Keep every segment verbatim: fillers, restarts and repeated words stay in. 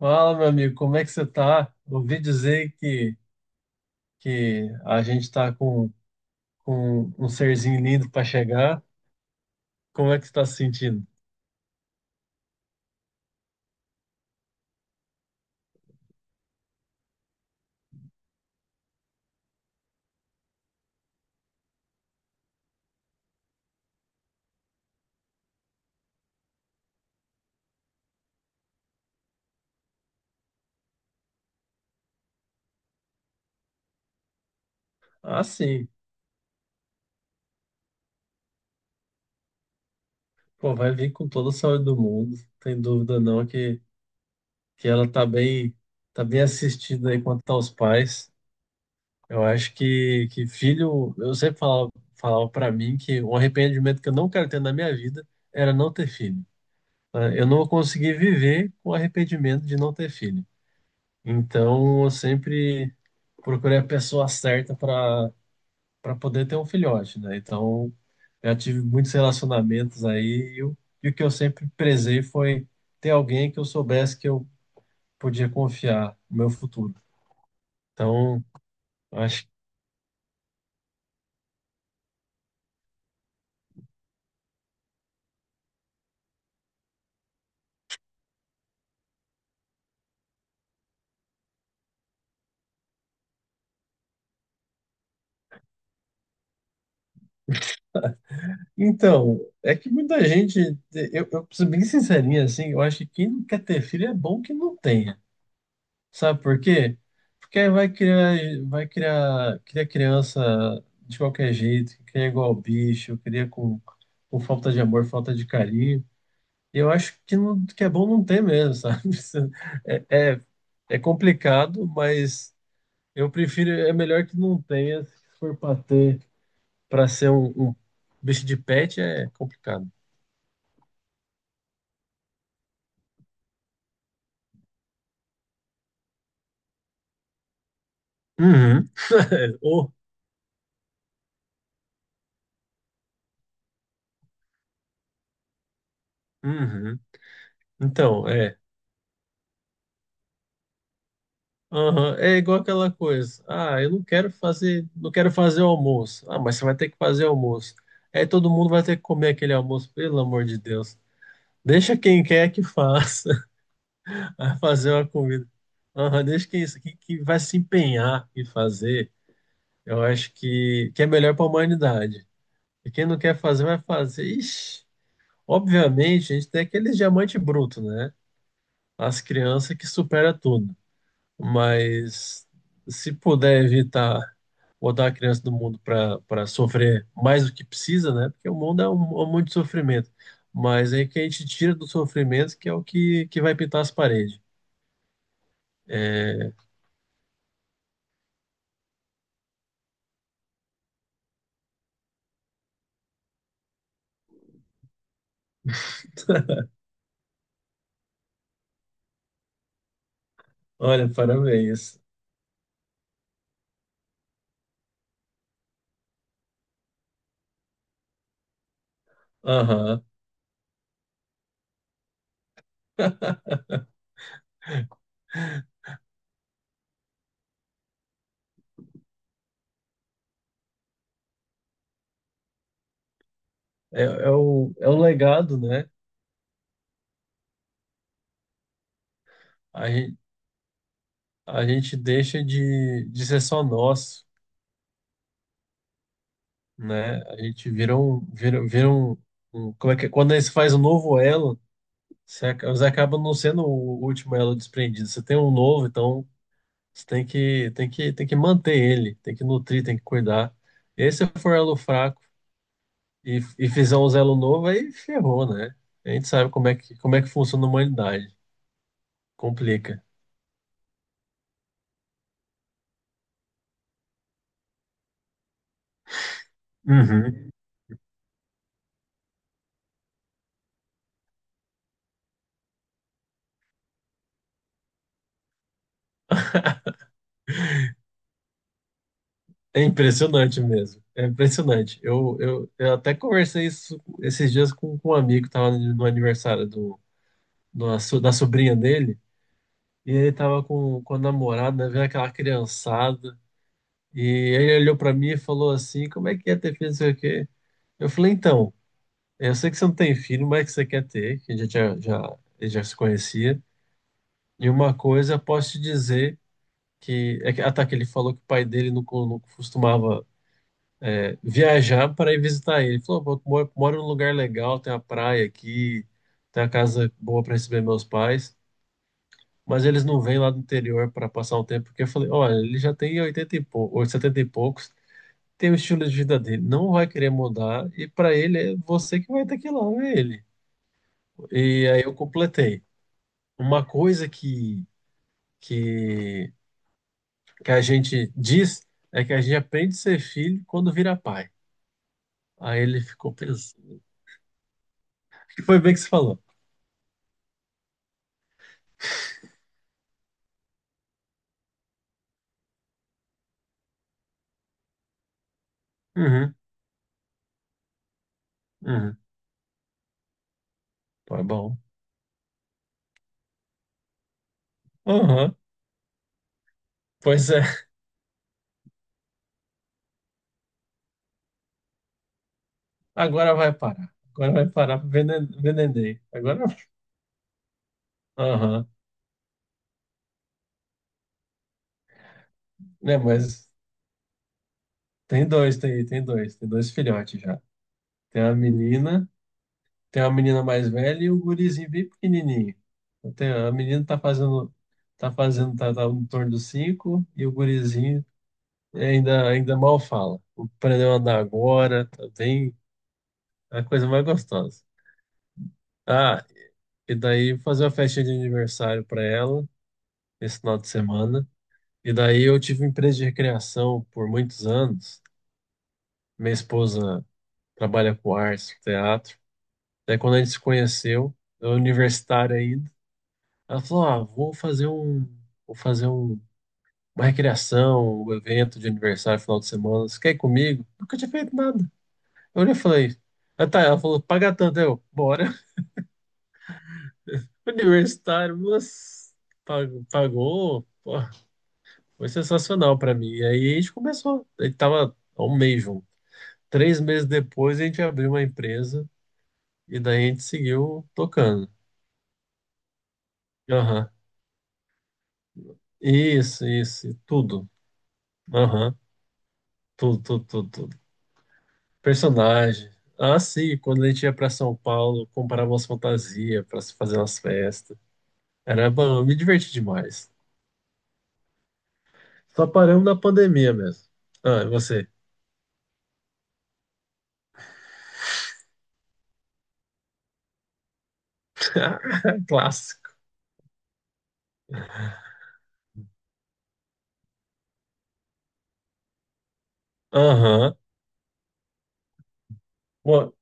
Fala, meu amigo, como é que você tá? Ouvi dizer que, que a gente tá com, com um serzinho lindo para chegar. Como é que você tá se sentindo? Ah, sim. Pô, vai vir com toda a saúde do mundo. Tem dúvida não que, que ela tá bem, tá bem assistida aí quanto aos pais. Eu acho que, que filho, eu sempre falava, falava para mim que um arrependimento que eu não quero ter na minha vida era não ter filho. Né? Eu não consegui viver com arrependimento de não ter filho. Então, eu sempre procurei a pessoa certa para para poder ter um filhote, né? Então, eu tive muitos relacionamentos aí e, o e o que eu sempre prezei foi ter alguém que eu soubesse que eu podia confiar no meu futuro. Então, acho Então, é que muita gente, eu, eu preciso ser bem sincerinho assim, eu acho que quem não quer ter filho é bom que não tenha. Sabe por quê? Porque aí vai criar, vai criar, cria criança de qualquer jeito, que cria igual bicho, cria com, com falta de amor, falta de carinho. E eu acho que, não, que é bom não ter mesmo, sabe? Isso É, é, é complicado, mas eu prefiro, é melhor que não tenha, se for para ter, para ser um, um bicho de pet é complicado. Uhum. Ou- uhum. Então, é. Aham, É igual aquela coisa. Ah, eu não quero fazer, não quero fazer o almoço. Ah, mas você vai ter que fazer o almoço. Aí todo mundo vai ter que comer aquele almoço, pelo amor de Deus. Deixa quem quer que faça a fazer uma comida. Aham, deixa quem, quem que vai se empenhar em fazer. Eu acho que, que é melhor para a humanidade. E quem não quer fazer, vai fazer. Ixi, obviamente, a gente tem aqueles diamante bruto, né? As crianças que supera tudo. Mas se puder evitar botar a criança do mundo para para sofrer mais do que precisa, né? Porque o mundo é um, um monte de sofrimento. Mas aí que a gente tira do sofrimento, que é o que, que vai pintar as paredes. Olha, parabéns. Aham. É, é o, é o legado, né? A gente, a gente deixa de, de ser só nós, né? A gente vira um, vira, vira um, um- como é que é? Quando a gente faz um novo elo, Você, aca- você acaba não sendo o último elo desprendido. Você tem um novo, então você tem que, tem que, tem que manter ele, tem que nutrir, tem que cuidar. E aí, se for elo fraco e, e fizer um elo novo, aí ferrou, né? A gente sabe como é que, como é que funciona a humanidade. Complica. Uhum. É impressionante mesmo. É impressionante. Eu, eu, eu até conversei isso esses dias com, com um amigo que estava no aniversário do, do- da sobrinha dele. E ele estava com, com a namorada, né, vendo aquela criançada. E ele olhou pra mim e falou assim: Como é que é ter filho? Não sei o quê. Eu falei: Então, eu sei que você não tem filho, mas é que você quer ter, que a gente já, já, ele já se conhecia. E uma coisa, eu posso te dizer que. é que- Ah, tá, que ele falou que o pai dele não, co- não costumava é, viajar para ir visitar ele. Ele falou: "Pô, eu moro, moro num lugar legal, tem uma praia aqui, tem uma casa boa para receber meus pais. Mas eles não vêm lá do interior para passar um tempo, porque eu falei: Olha, ele já tem oitenta e poucos, ou e poucos. Tem o estilo de vida dele, não vai querer mudar, e para ele é você que vai ter que ir lá ver ele. E aí eu completei. Uma coisa que, que, que a gente diz é que a gente aprende a ser filho quando vira pai. Aí ele ficou pensando. Que foi bem que você falou. Uhum, uhum, foi bom. Aham, pois é, agora vai parar. Agora vai parar para Venendei. Agora, aham, né, mas tem dois, tem, tem dois, tem dois filhotes já. Tem a menina. Tem uma menina mais velha e o gurizinho bem pequenininho. Então, tem- a menina tá fazendo, tá fazendo, tá, tá em torno dos cinco e o gurizinho ainda, ainda mal fala. Aprendeu a andar agora, tá bem, é a coisa mais gostosa. Ah, e daí fazer uma festa de aniversário para ela esse final de semana. E daí eu tive uma empresa de recreação por muitos anos. Minha esposa trabalha com artes, teatro. Daí quando a gente se conheceu, eu universitário ainda. Ela falou: Ah, vou fazer um, vou fazer um, uma recreação, um evento de aniversário final de semana. Você quer ir comigo? Nunca tinha feito nada. Eu olhei e falei: Ah, tá. Ela falou: Paga tanto. Eu, bora. Universitário, nossa, pagou, pagou. Pô, foi sensacional pra mim. E aí a gente começou. A gente tava há um mês junto. Três meses depois a gente abriu uma empresa e daí a gente seguiu tocando. Aham. Isso, isso, tudo. Aham. Tudo, tudo, tudo, tudo. Personagem. Ah, sim, quando a gente ia pra São Paulo, comprava umas fantasias pra se fazer umas festas. Era bom, eu me diverti demais. Só paramos na pandemia mesmo. Ah, e você? Clássico. Aham. Bom.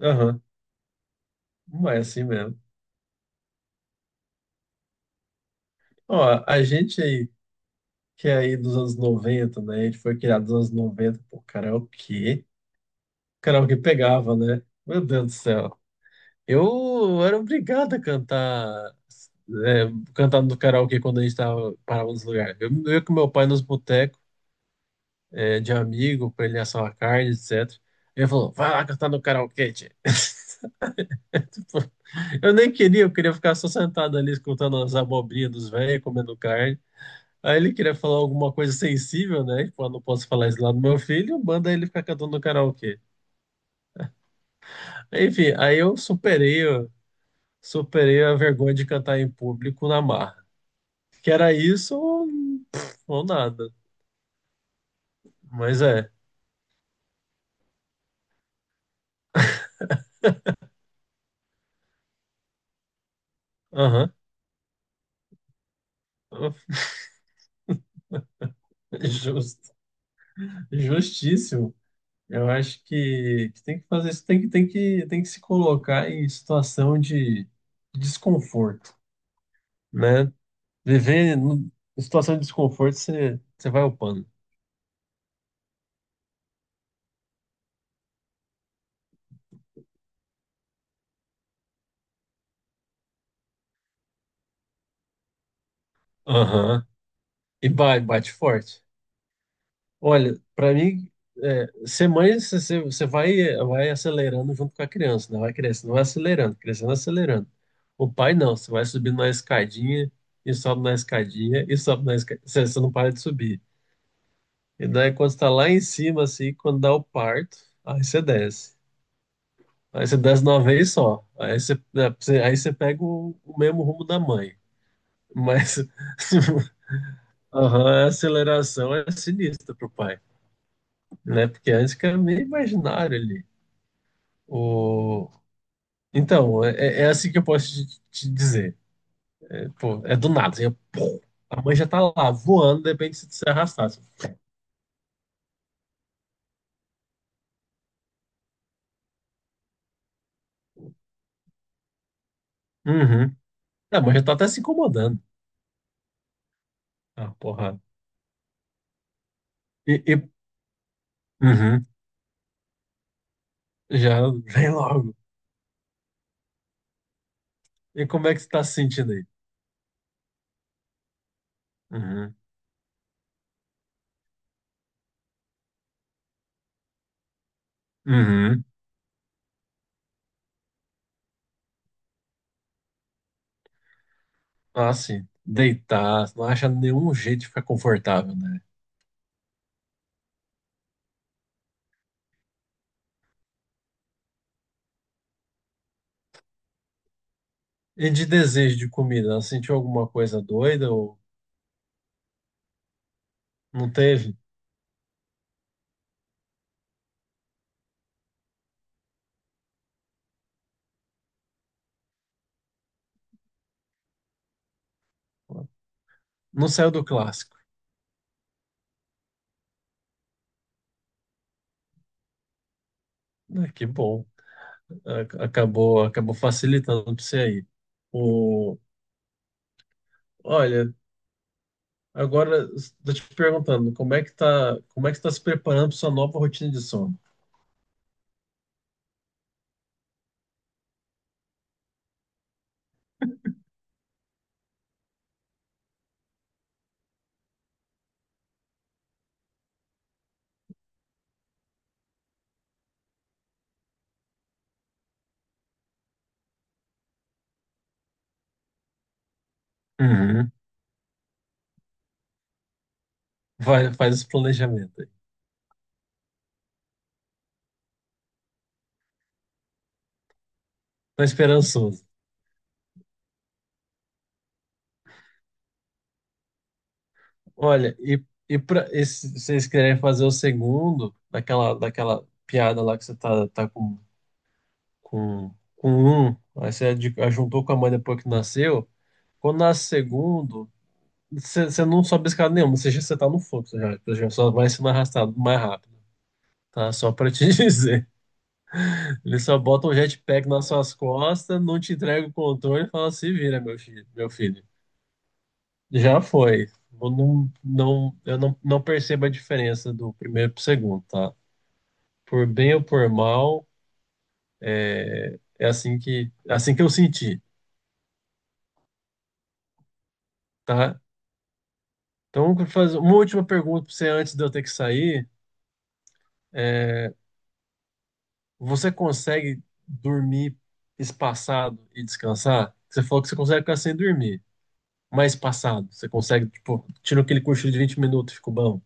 Aham. Mas é assim mesmo. Ó, a gente aí, que é aí dos anos noventa, né? A gente foi criado dos anos noventa, pô, karaokê. Karaokê pegava, né? Meu Deus do céu. Eu era obrigado a cantar é, cantando no karaokê quando a gente tava, parava nos lugares. Eu, eu ia com meu pai nos botecos, é, de amigo, pra ele assar uma carne, etcétera. Ele falou, vai lá cantar no karaokê, tchê. Tipo, eu nem queria, eu queria ficar só sentado ali escutando as abobrinhas dos velhos, comendo carne. Aí ele queria falar alguma coisa sensível, né? Tipo, eu não posso falar isso lá do meu filho, manda ele ficar cantando no karaokê. Enfim, aí eu superei, eu superei a vergonha de cantar em público na marra. Que era isso ou ou nada. Mas é. Aham. Justo, justíssimo. Eu acho que, que tem que fazer isso, tem que, tem que, tem que se colocar em situação de desconforto, né? Viver no- em situação de desconforto, você, você vai upando. Aham. E ba- bate forte. Olha, para mim, é, ser mãe, você, você você vai, vai acelerando junto com a criança, né? Vai crescendo, vai acelerando, crescendo, acelerando. O pai não, você vai subindo na escadinha, e sobe na escadinha, e sobe na escadinha, você, você não para de subir. E daí quando você tá lá em cima, assim, quando dá o parto, aí você desce. Aí você desce de uma vez só. Aí você, é, você- aí você pega o, o mesmo rumo da mãe. Mas aham, a aceleração é sinistra pro pai, né? Porque antes que era meio imaginário ali. O... Então, é, é é assim que eu posso te, te dizer. Pô, é do nada, assim, é pô. A mãe já tá lá voando, de repente se se arrastasse. Uhum. A mãe já tá até se incomodando. Ah, porra. E, e- uhum. Já vem logo. E como é que você tá se sentindo aí? Uhum. Uhum. Ah, sim. Deitar, não acha nenhum jeito de ficar confortável, né? E de desejo de comida, ela sentiu alguma coisa doida ou não teve? Não saiu do clássico. Ah, que bom. A- Acabou, acabou facilitando para você aí. O... Olha, agora estou te perguntando, como é que tá, como é que está se preparando para sua nova rotina de sono? Uhum. Vai, faz esse planejamento aí. Tá esperançoso. Olha, e, e pra, e se vocês querem fazer o segundo, daquela, daquela piada lá que você tá, tá com, com, com um, aí você ad- juntou com a mãe depois que nasceu, quando nasce o segundo, você, você não sobe escada nenhuma, você já você tá no fluxo já, você já só vai sendo arrastado mais rápido, tá? Só pra te dizer. Eles só botam um jetpack nas suas costas, não te entrega o controle e fala, se vira, meu filho, meu filho. Já foi. Eu não, não, eu não, não percebo a diferença do primeiro pro segundo, tá? Por bem ou por mal, é assim que, é assim que eu senti, tá? Então, eu vou fazer uma última pergunta para você antes de eu ter que sair. Você consegue dormir espaçado e descansar? Você falou que você consegue ficar sem dormir, mas espaçado. Você consegue, tipo, tira aquele cochilo de vinte minutos, ficou bom.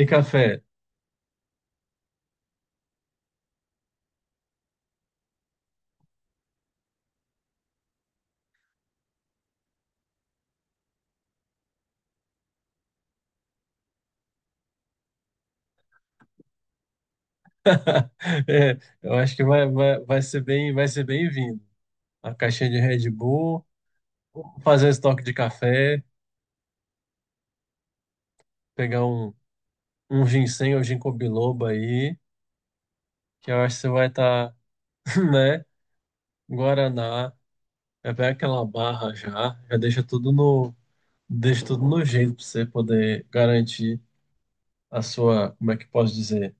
E café? É, eu acho que vai, vai, vai ser bem, vai ser bem-vindo. A caixinha de Red Bull, fazer um estoque de café, pegar um, um ginseng ou ginkgo biloba aí, que eu acho que você vai estar né? Guaraná, é bem aquela barra já, já deixa tudo no, deixa tudo no jeito para você poder garantir a sua, como é que posso dizer,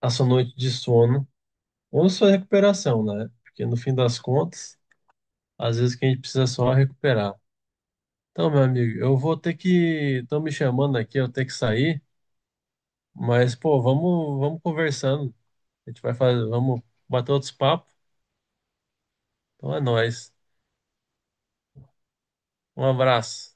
a sua noite de sono ou sua recuperação, né? Porque no fim das contas, às vezes o que a gente precisa é só recuperar. Então, meu amigo, eu vou ter que, estão me chamando aqui, eu tenho que sair, mas pô, vamos, vamos, conversando. A gente vai fazer, vamos bater outros papos. Então é nóis. Um abraço.